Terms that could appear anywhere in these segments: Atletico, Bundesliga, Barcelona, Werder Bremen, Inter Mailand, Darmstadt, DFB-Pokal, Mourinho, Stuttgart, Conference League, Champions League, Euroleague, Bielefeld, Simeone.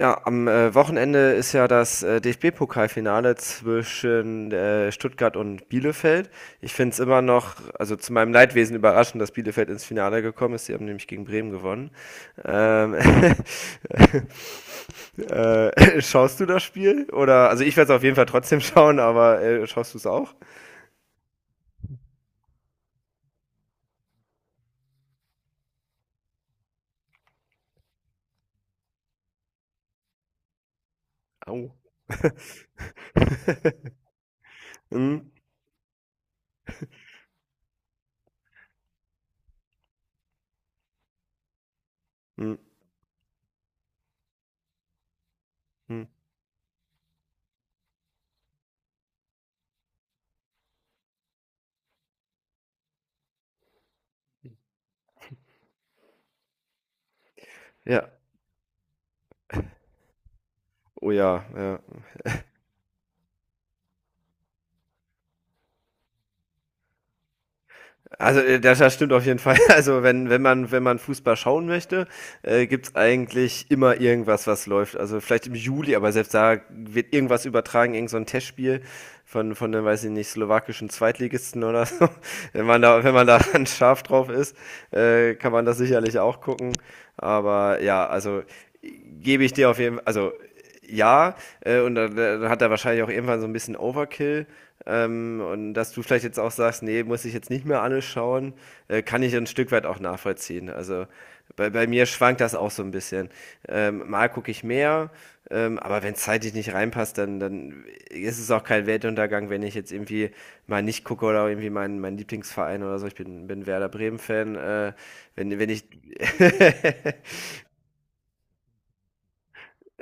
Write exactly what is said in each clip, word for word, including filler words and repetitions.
Ja, am, äh, Wochenende ist ja das, äh, D F B-Pokalfinale zwischen, äh, Stuttgart und Bielefeld. Ich finde es immer noch, also zu meinem Leidwesen überraschend, dass Bielefeld ins Finale gekommen ist. Sie haben nämlich gegen Bremen gewonnen. Ähm, äh, schaust du das Spiel? Oder, also ich werde es auf jeden Fall trotzdem schauen, aber, äh, schaust du es auch? Au. Mhm. Mhm. Mhm. Ja. Oh ja, ja. Also äh, das, das stimmt auf jeden Fall. Also wenn, wenn man, wenn man Fußball schauen möchte, äh, gibt's eigentlich immer irgendwas, was läuft. Also vielleicht im Juli, aber selbst da wird irgendwas übertragen, irgend so ein Testspiel von, von der, weiß ich nicht, slowakischen Zweitligisten oder so. Wenn man da, wenn man da dann scharf drauf ist, äh, kann man das sicherlich auch gucken. Aber ja, also gebe ich dir auf jeden Fall, also ja, äh, und dann, dann hat er wahrscheinlich auch irgendwann so ein bisschen Overkill. Ähm, und dass du vielleicht jetzt auch sagst, nee, muss ich jetzt nicht mehr alles schauen, äh, kann ich ein Stück weit auch nachvollziehen. Also bei, bei mir schwankt das auch so ein bisschen. Ähm, mal gucke ich mehr, ähm, aber wenn es zeitlich nicht reinpasst, dann, dann ist es auch kein Weltuntergang, wenn ich jetzt irgendwie mal nicht gucke oder irgendwie meinen mein Lieblingsverein oder so. Ich bin, bin Werder Bremen-Fan. Äh, wenn, wenn ich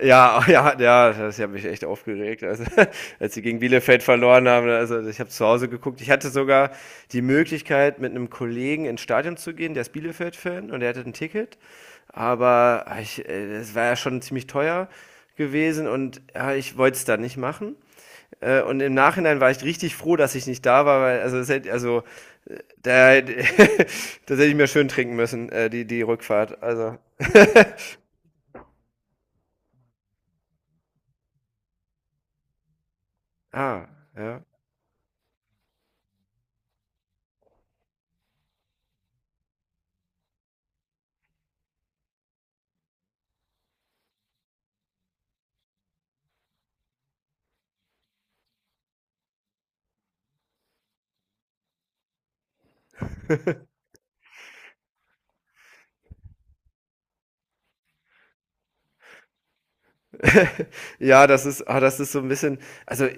Ja, ja, ja, das hat mich echt aufgeregt. Also, als sie gegen Bielefeld verloren haben, also ich habe zu Hause geguckt. Ich hatte sogar die Möglichkeit, mit einem Kollegen ins Stadion zu gehen, der ist Bielefeld-Fan und der hatte ein Ticket. Aber ah, ich, äh, es war ja schon ziemlich teuer gewesen und ja, ich wollte es dann nicht machen. Äh, und im Nachhinein war ich richtig froh, dass ich nicht da war, weil also, es hätte, also äh, da, das hätte ich mir schön trinken müssen, äh, die, die Rückfahrt. Also. Ah, ja. Ja, das ist ah, das ist so ein bisschen also, äh,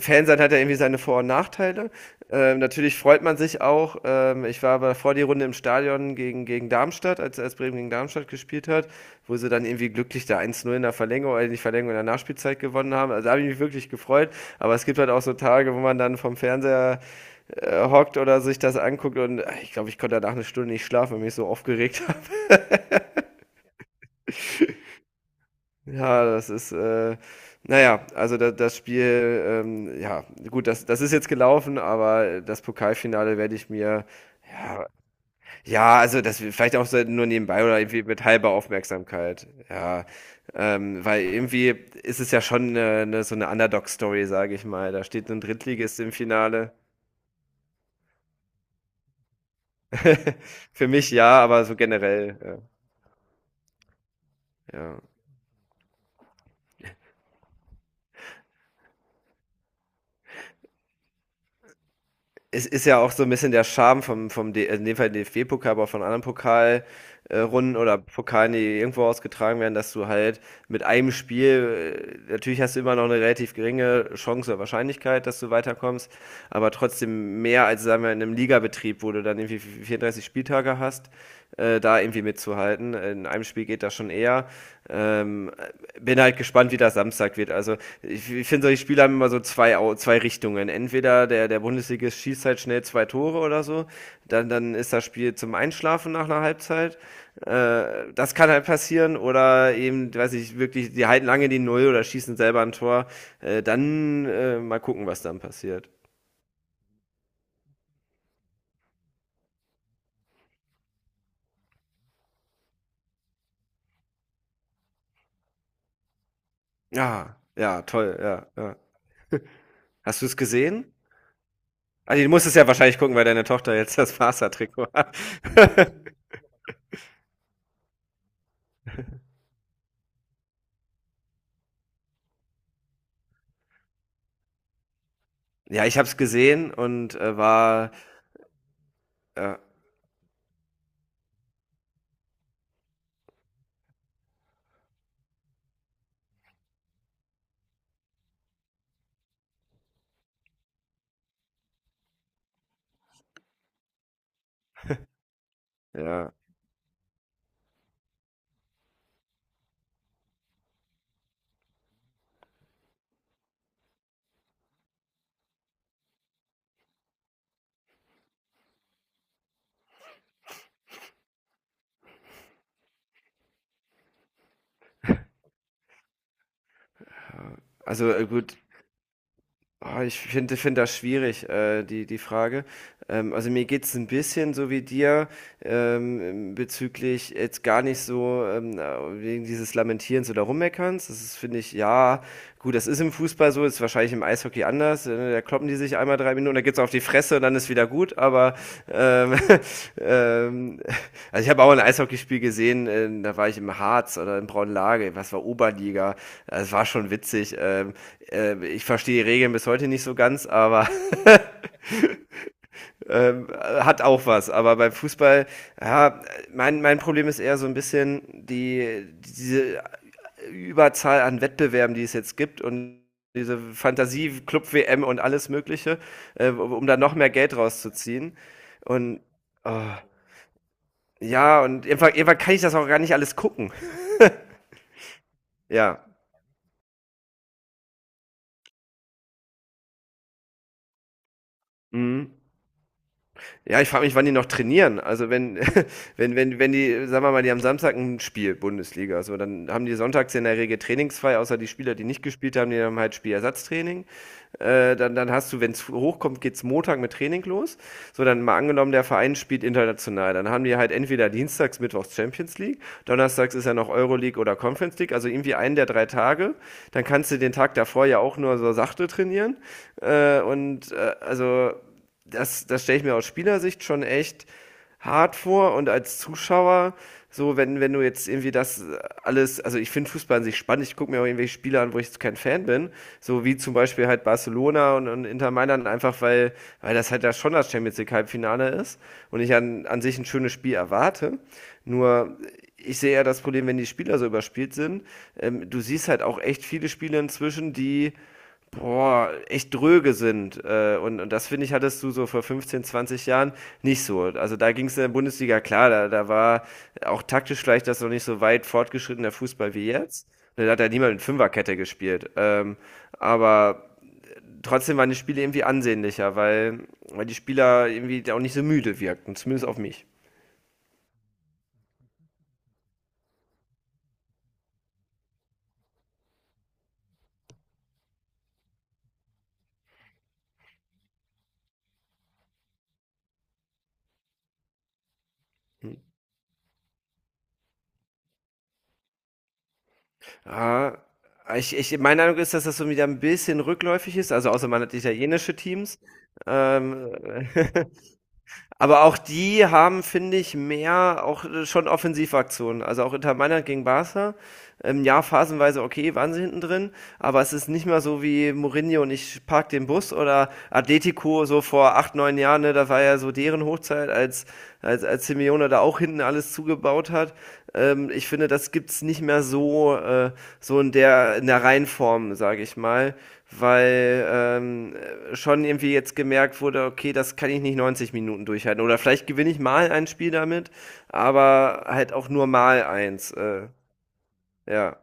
Fan sein hat ja irgendwie seine Vor und Nachteile. Ähm, natürlich freut man sich auch. Ähm, ich war aber vor die Runde im Stadion gegen gegen Darmstadt, als als Bremen gegen Darmstadt gespielt hat, wo sie dann irgendwie glücklich da eins null in der Verlängerung, äh, nicht Verlängerung, in der Nachspielzeit gewonnen haben. Also, da habe ich mich wirklich gefreut, aber es gibt halt auch so Tage, wo man dann vom Fernseher, äh, hockt oder sich das anguckt und, ah, ich glaube, ich konnte danach eine Stunde nicht schlafen, weil mich so aufgeregt. Ja, das ist, äh na ja, also da das Spiel, ähm ja, gut, das das ist jetzt gelaufen, aber das Pokalfinale werde ich mir ja, ja, also das vielleicht auch so nur nebenbei oder irgendwie mit halber Aufmerksamkeit, ja. Ähm, weil irgendwie ist es ja schon 'ne 'ne so eine Underdog-Story, sage ich mal. Da steht ein Drittligist im Finale. Für mich ja, aber so generell, ja, ja. Es ist ja auch so ein bisschen der Charme vom vom D in dem Fall D F B-Pokal, aber auch von anderen Pokalrunden oder Pokalen, die irgendwo ausgetragen werden, dass du halt mit einem Spiel, äh, natürlich hast du immer noch eine relativ geringe Chance oder Wahrscheinlichkeit, dass du weiterkommst, aber trotzdem mehr als, sagen wir, in 'nem Ligabetrieb, wo du dann irgendwie v vierunddreißig Spieltage hast, äh, da irgendwie mitzuhalten. In einem Spiel geht das schon eher. Ähm, bin halt gespannt, wie das Samstag wird. Also ich, ich finde, solche Spiele haben immer so zwei, Au- zwei Richtungen. Entweder der, der Bundesligist schießt halt schnell zwei Tore oder so, dann, dann ist das Spiel zum Einschlafen nach einer Halbzeit. Äh, das kann halt passieren. Oder eben, weiß ich, wirklich, die halten lange die Null oder schießen selber ein Tor. Äh, dann äh, mal gucken, was dann passiert. Ja, ja, toll, ja, ja. Hast du es gesehen? Also, du musstest ja wahrscheinlich gucken, weil deine Tochter jetzt das Barca-Trikot hat. Ja, ich hab's gesehen und äh, war, äh, ja, also äh, gut, oh, ich finde find das schwierig, äh, die, die Frage. Ähm, also mir geht's ein bisschen so wie dir, ähm, bezüglich jetzt gar nicht so, ähm, äh, wegen dieses Lamentierens oder Rummeckerns. Das ist, finde ich, ja. Gut, das ist im Fußball so, ist wahrscheinlich im Eishockey anders. äh, Da kloppen die sich einmal drei Minuten, da geht's auf die Fresse und dann ist wieder gut. Aber ähm, ähm, also ich habe auch ein Eishockeyspiel gesehen, äh, da war ich im Harz oder in Braunlage, was war Oberliga. Es war schon witzig. Ähm, äh, ich verstehe die Regeln bis heute nicht so ganz, aber ähm, hat auch was. Aber beim Fußball, ja, mein, mein Problem ist eher so ein bisschen die, diese Überzahl an Wettbewerben, die es jetzt gibt und diese Fantasie, Club W M und alles Mögliche, äh, um da noch mehr Geld rauszuziehen. Und oh, ja, und irgendwann, irgendwann kann ich das auch gar nicht alles gucken. Ja. Mhm. Ja, ich frage mich, wann die noch trainieren. Also wenn, wenn, wenn, wenn die, sagen wir mal, die haben Samstag ein Spiel, Bundesliga, so, dann haben die sonntags in der Regel trainingsfrei, außer die Spieler, die nicht gespielt haben, die haben halt Spielersatztraining. Äh, dann, dann hast du, wenn es hochkommt, geht's Montag mit Training los. So, dann mal angenommen, der Verein spielt international. Dann haben die halt entweder dienstags, mittwochs Champions League, donnerstags ist ja noch Euroleague oder Conference League, also irgendwie einen der drei Tage. Dann kannst du den Tag davor ja auch nur so sachte trainieren. Äh, und äh, also das, das stelle ich mir aus Spielersicht schon echt hart vor und als Zuschauer, so wenn, wenn du jetzt irgendwie das alles, also ich finde Fußball an sich spannend, ich gucke mir auch irgendwelche Spiele an, wo ich jetzt kein Fan bin, so wie zum Beispiel halt Barcelona und, und Inter Mailand, einfach weil, weil das halt ja schon das Champions League Halbfinale ist und ich an, an sich ein schönes Spiel erwarte. Nur ich sehe ja das Problem, wenn die Spieler so überspielt sind. Ähm, du siehst halt auch echt viele Spiele inzwischen, die boah, echt dröge sind. Äh, und, und das finde ich, hattest du so vor fünfzehn, zwanzig Jahren nicht so. Also da ging es in der Bundesliga klar, da, da war auch taktisch vielleicht das noch nicht so weit fortgeschrittener Fußball wie jetzt. Da hat ja niemand mit Fünferkette gespielt. Ähm, aber trotzdem waren die Spiele irgendwie ansehnlicher, weil, weil die Spieler irgendwie auch nicht so müde wirkten, zumindest auf mich. Ah, ich, ich, meine Meinung ist, dass das so wieder ein bisschen rückläufig ist, also außer man hat italienische Teams. Ähm, Aber auch die haben, finde ich, mehr auch äh, schon Offensivaktionen. Also auch Inter Mailand gegen Barca, ähm, ja, phasenweise okay, waren sie hinten drin, aber es ist nicht mehr so wie Mourinho und ich park den Bus oder Atletico so vor acht, neun Jahren, ne, da war ja so deren Hochzeit, als, als, als Simeone da auch hinten alles zugebaut hat. Ähm, ich finde, das gibt's nicht mehr so, äh, so in der, in der, Reihenform, sage ich mal, weil ähm, schon irgendwie jetzt gemerkt wurde, okay, das kann ich nicht neunzig Minuten durchhalten oder vielleicht gewinne ich mal ein Spiel damit, aber halt auch nur mal eins, äh, ja.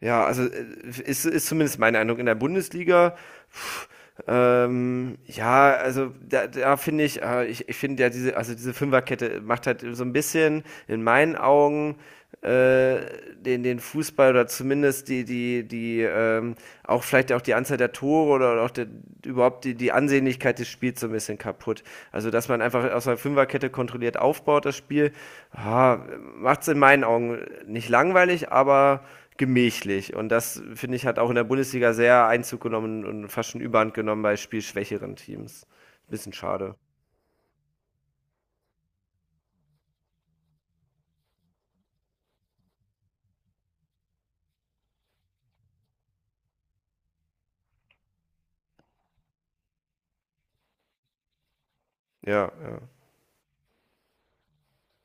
Ja, also äh, ist, ist zumindest mein Eindruck in der Bundesliga. pff, Ähm, ja, also da, da finde ich, äh, ich, ich finde ja diese, also diese Fünferkette macht halt so ein bisschen in meinen Augen, äh, den, den Fußball oder zumindest die, die, die, ähm, auch vielleicht auch die Anzahl der Tore oder auch der, überhaupt die, die Ansehnlichkeit des Spiels so ein bisschen kaputt. Also, dass man einfach aus einer Fünferkette kontrolliert aufbaut, das Spiel, ah, macht es in meinen Augen nicht langweilig, aber gemächlich. Und das, finde ich, hat auch in der Bundesliga sehr Einzug genommen und fast schon Überhand genommen bei spielschwächeren Teams. Bisschen schade. Ja, ja.